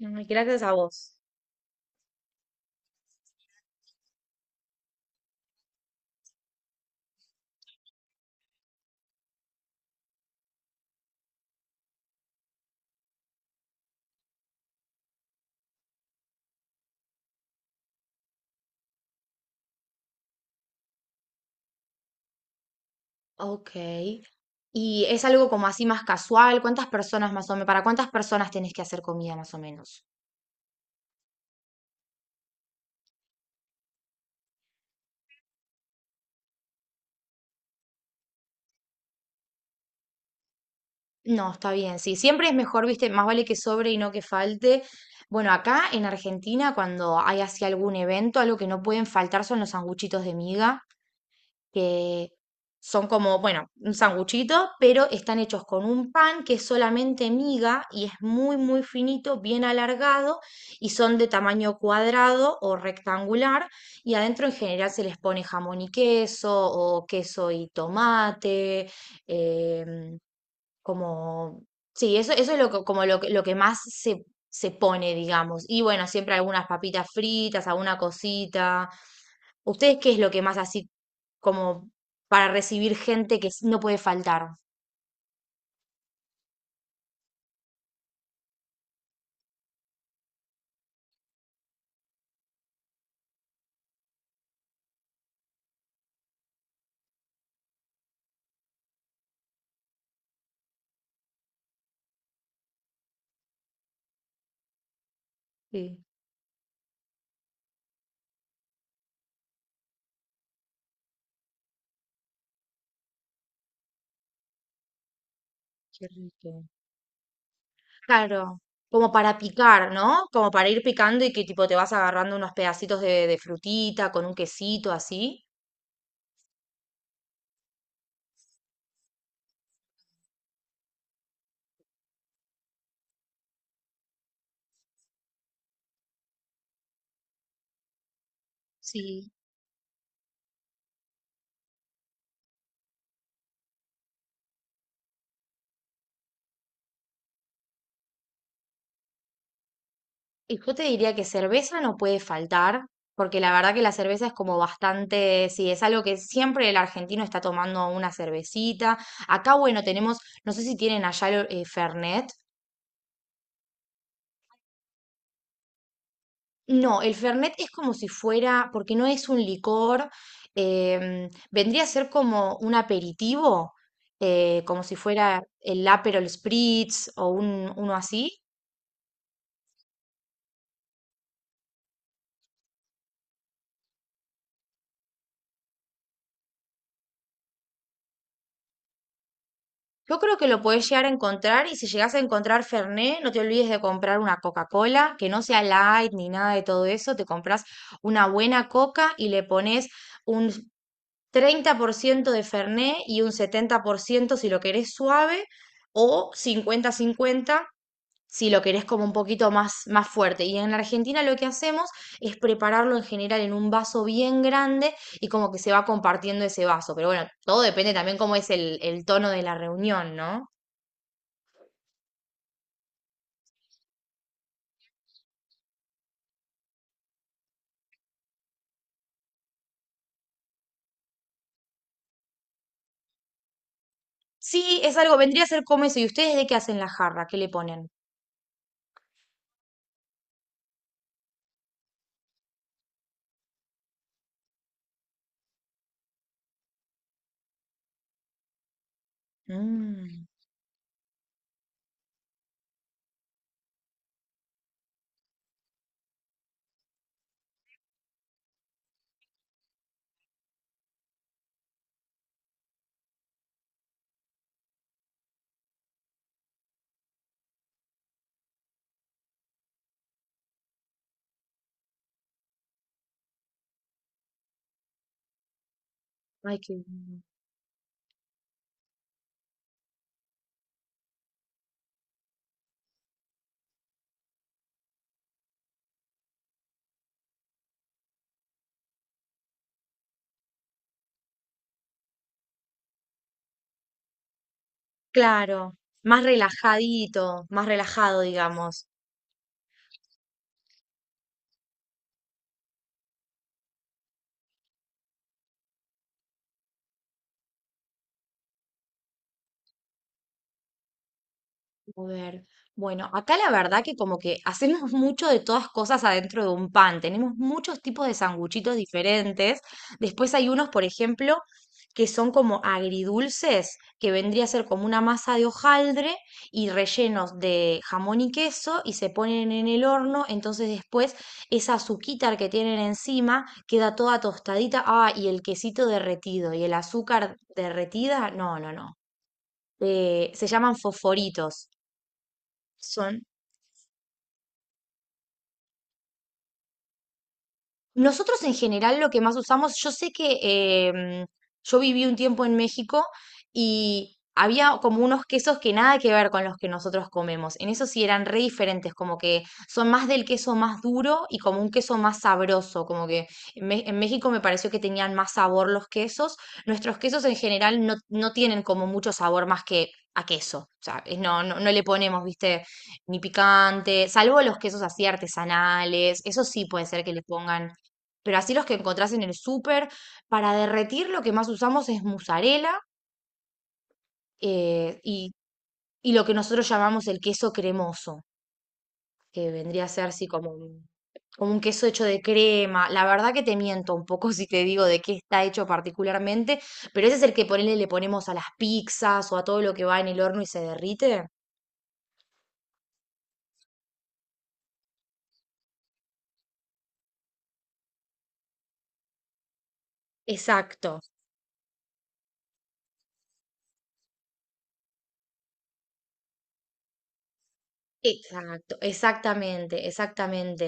Ay, gracias a vos. Ok. ¿Y es algo como así más casual? ¿Cuántas personas más o menos? ¿Para cuántas personas tenés que hacer comida más o menos? No, está bien, sí. Siempre es mejor, viste, más vale que sobre y no que falte. Bueno, acá en Argentina, cuando hay así algún evento, algo que no pueden faltar son los sanguchitos de miga, que son como, bueno, un sanguchito, pero están hechos con un pan que es solamente miga y es muy, muy finito, bien alargado, y son de tamaño cuadrado o rectangular, y adentro en general se les pone jamón y queso o queso y tomate. em, Como, sí, eso es lo que, como lo que más se, se pone, digamos. Y bueno, siempre algunas papitas fritas, alguna cosita. ¿Ustedes qué es lo que más así, como para recibir gente que no puede faltar? Sí, qué rico. Claro, como para picar, ¿no? Como para ir picando y que tipo te vas agarrando unos pedacitos de frutita con un quesito así. Sí. Y yo te diría que cerveza no puede faltar, porque la verdad que la cerveza es como bastante, sí, es algo que siempre el argentino está tomando una cervecita. Acá, bueno, tenemos, no sé si tienen allá el, Fernet. No, el Fernet es como si fuera, porque no es un licor. Vendría a ser como un aperitivo, como si fuera el Aperol Spritz o un, uno así. Yo creo que lo podés llegar a encontrar, y si llegás a encontrar Fernet, no te olvides de comprar una Coca-Cola, que no sea light ni nada de todo eso. Te compras una buena coca y le pones un 30% de Fernet y un 70% si lo querés suave, o 50-50 si lo querés como un poquito más, más fuerte. Y en Argentina lo que hacemos es prepararlo en general en un vaso bien grande, y como que se va compartiendo ese vaso. Pero bueno, todo depende también cómo es el tono de la reunión, ¿no? Sí, es algo, vendría a ser como eso. ¿Y ustedes de qué hacen la jarra? ¿Qué le ponen? Mm. Ay, qué bueno. Claro, más relajadito, más relajado, digamos. A ver, bueno, acá la verdad que como que hacemos mucho de todas cosas adentro de un pan. Tenemos muchos tipos de sanguchitos diferentes. Después hay unos, por ejemplo, que son como agridulces, que vendría a ser como una masa de hojaldre y rellenos de jamón y queso, y se ponen en el horno. Entonces después esa azuquita que tienen encima queda toda tostadita. Ah, y el quesito derretido y el azúcar derretida. No, no, no. Se llaman fosforitos. Son... Nosotros en general lo que más usamos, yo sé que em, yo viví un tiempo en México y había como unos quesos que nada que ver con los que nosotros comemos. En eso sí eran re diferentes, como que son más del queso más duro y como un queso más sabroso, como que en México me pareció que tenían más sabor los quesos. Nuestros quesos en general no tienen como mucho sabor más que a queso. O sea, no, no, no le ponemos, viste, ni picante, salvo los quesos así artesanales. Eso sí puede ser que le pongan, pero así los que encontrás en el súper. Para derretir lo que más usamos es mozzarella, eh, y, y lo que nosotros llamamos el queso cremoso, que vendría a ser así como un queso hecho de crema. La verdad que te miento un poco si te digo de qué está hecho particularmente, pero ese es el que ponele, le ponemos a las pizzas o a todo lo que va en el horno y se derrite. Exacto, exacto, exactamente, exactamente.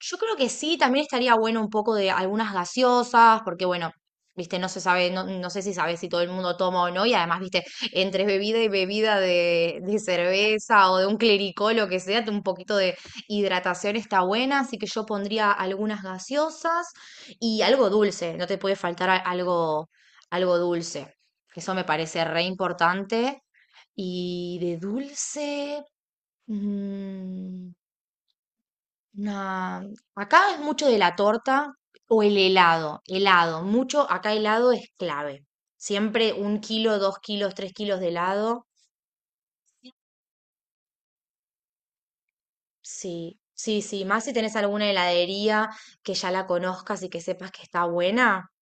Yo creo que sí, también estaría bueno un poco de algunas gaseosas, porque bueno, viste, no se sabe, no, no sé si sabes si todo el mundo toma o no. Y además, viste, entre bebida y bebida de cerveza o de un clericó, lo que sea, un poquito de hidratación está buena, así que yo pondría algunas gaseosas y algo dulce, no te puede faltar algo, algo dulce, que eso me parece re importante. Y de dulce... mm, una... acá es mucho de la torta o el helado. Helado, mucho, acá helado es clave. Siempre un kilo, dos kilos, tres kilos de helado. Sí, sí, sí. Más si tenés alguna heladería que ya la conozcas y que sepas que está buena.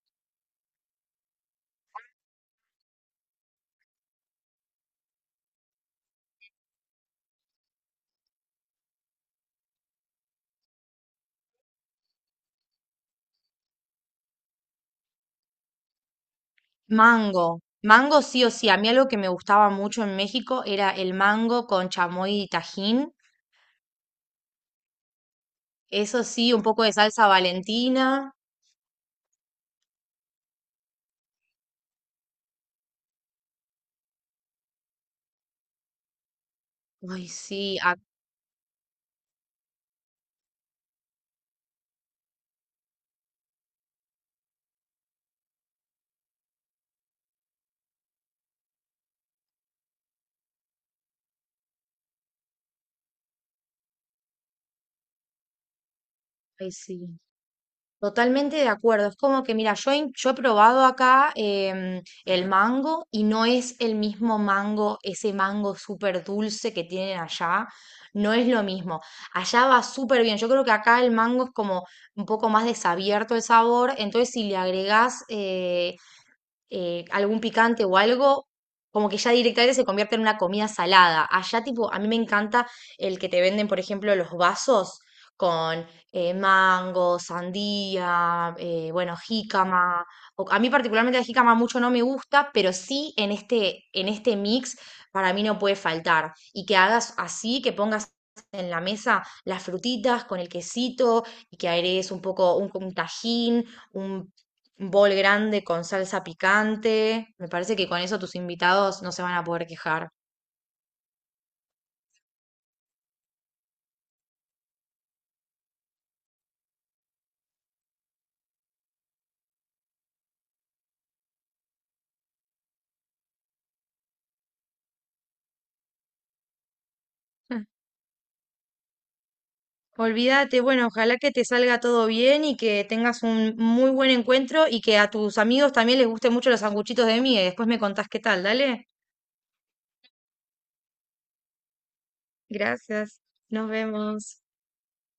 Mango. Mango sí o sí. A mí algo que me gustaba mucho en México era el mango con chamoy y tajín. Eso sí, un poco de salsa Valentina. Ay, sí, ay, sí. Totalmente de acuerdo. Es como que, mira, yo, yo he probado acá el mango, y no es el mismo mango, ese mango súper dulce que tienen allá. No es lo mismo. Allá va súper bien. Yo creo que acá el mango es como un poco más desabierto el sabor. Entonces, si le agregás algún picante o algo, como que ya directamente se convierte en una comida salada. Allá, tipo, a mí me encanta el que te venden, por ejemplo, los vasos con mango, sandía, bueno, jícama. A mí particularmente la jícama mucho no me gusta, pero sí en este mix para mí no puede faltar. Y que hagas así, que pongas en la mesa las frutitas con el quesito, y que agregues un poco un tajín, un bol grande con salsa picante. Me parece que con eso tus invitados no se van a poder quejar. Mm. Olvídate, bueno, ojalá que te salga todo bien y que tengas un muy buen encuentro y que a tus amigos también les gusten mucho los sanguchitos de miga, y después me contás qué tal, dale. Gracias, nos vemos.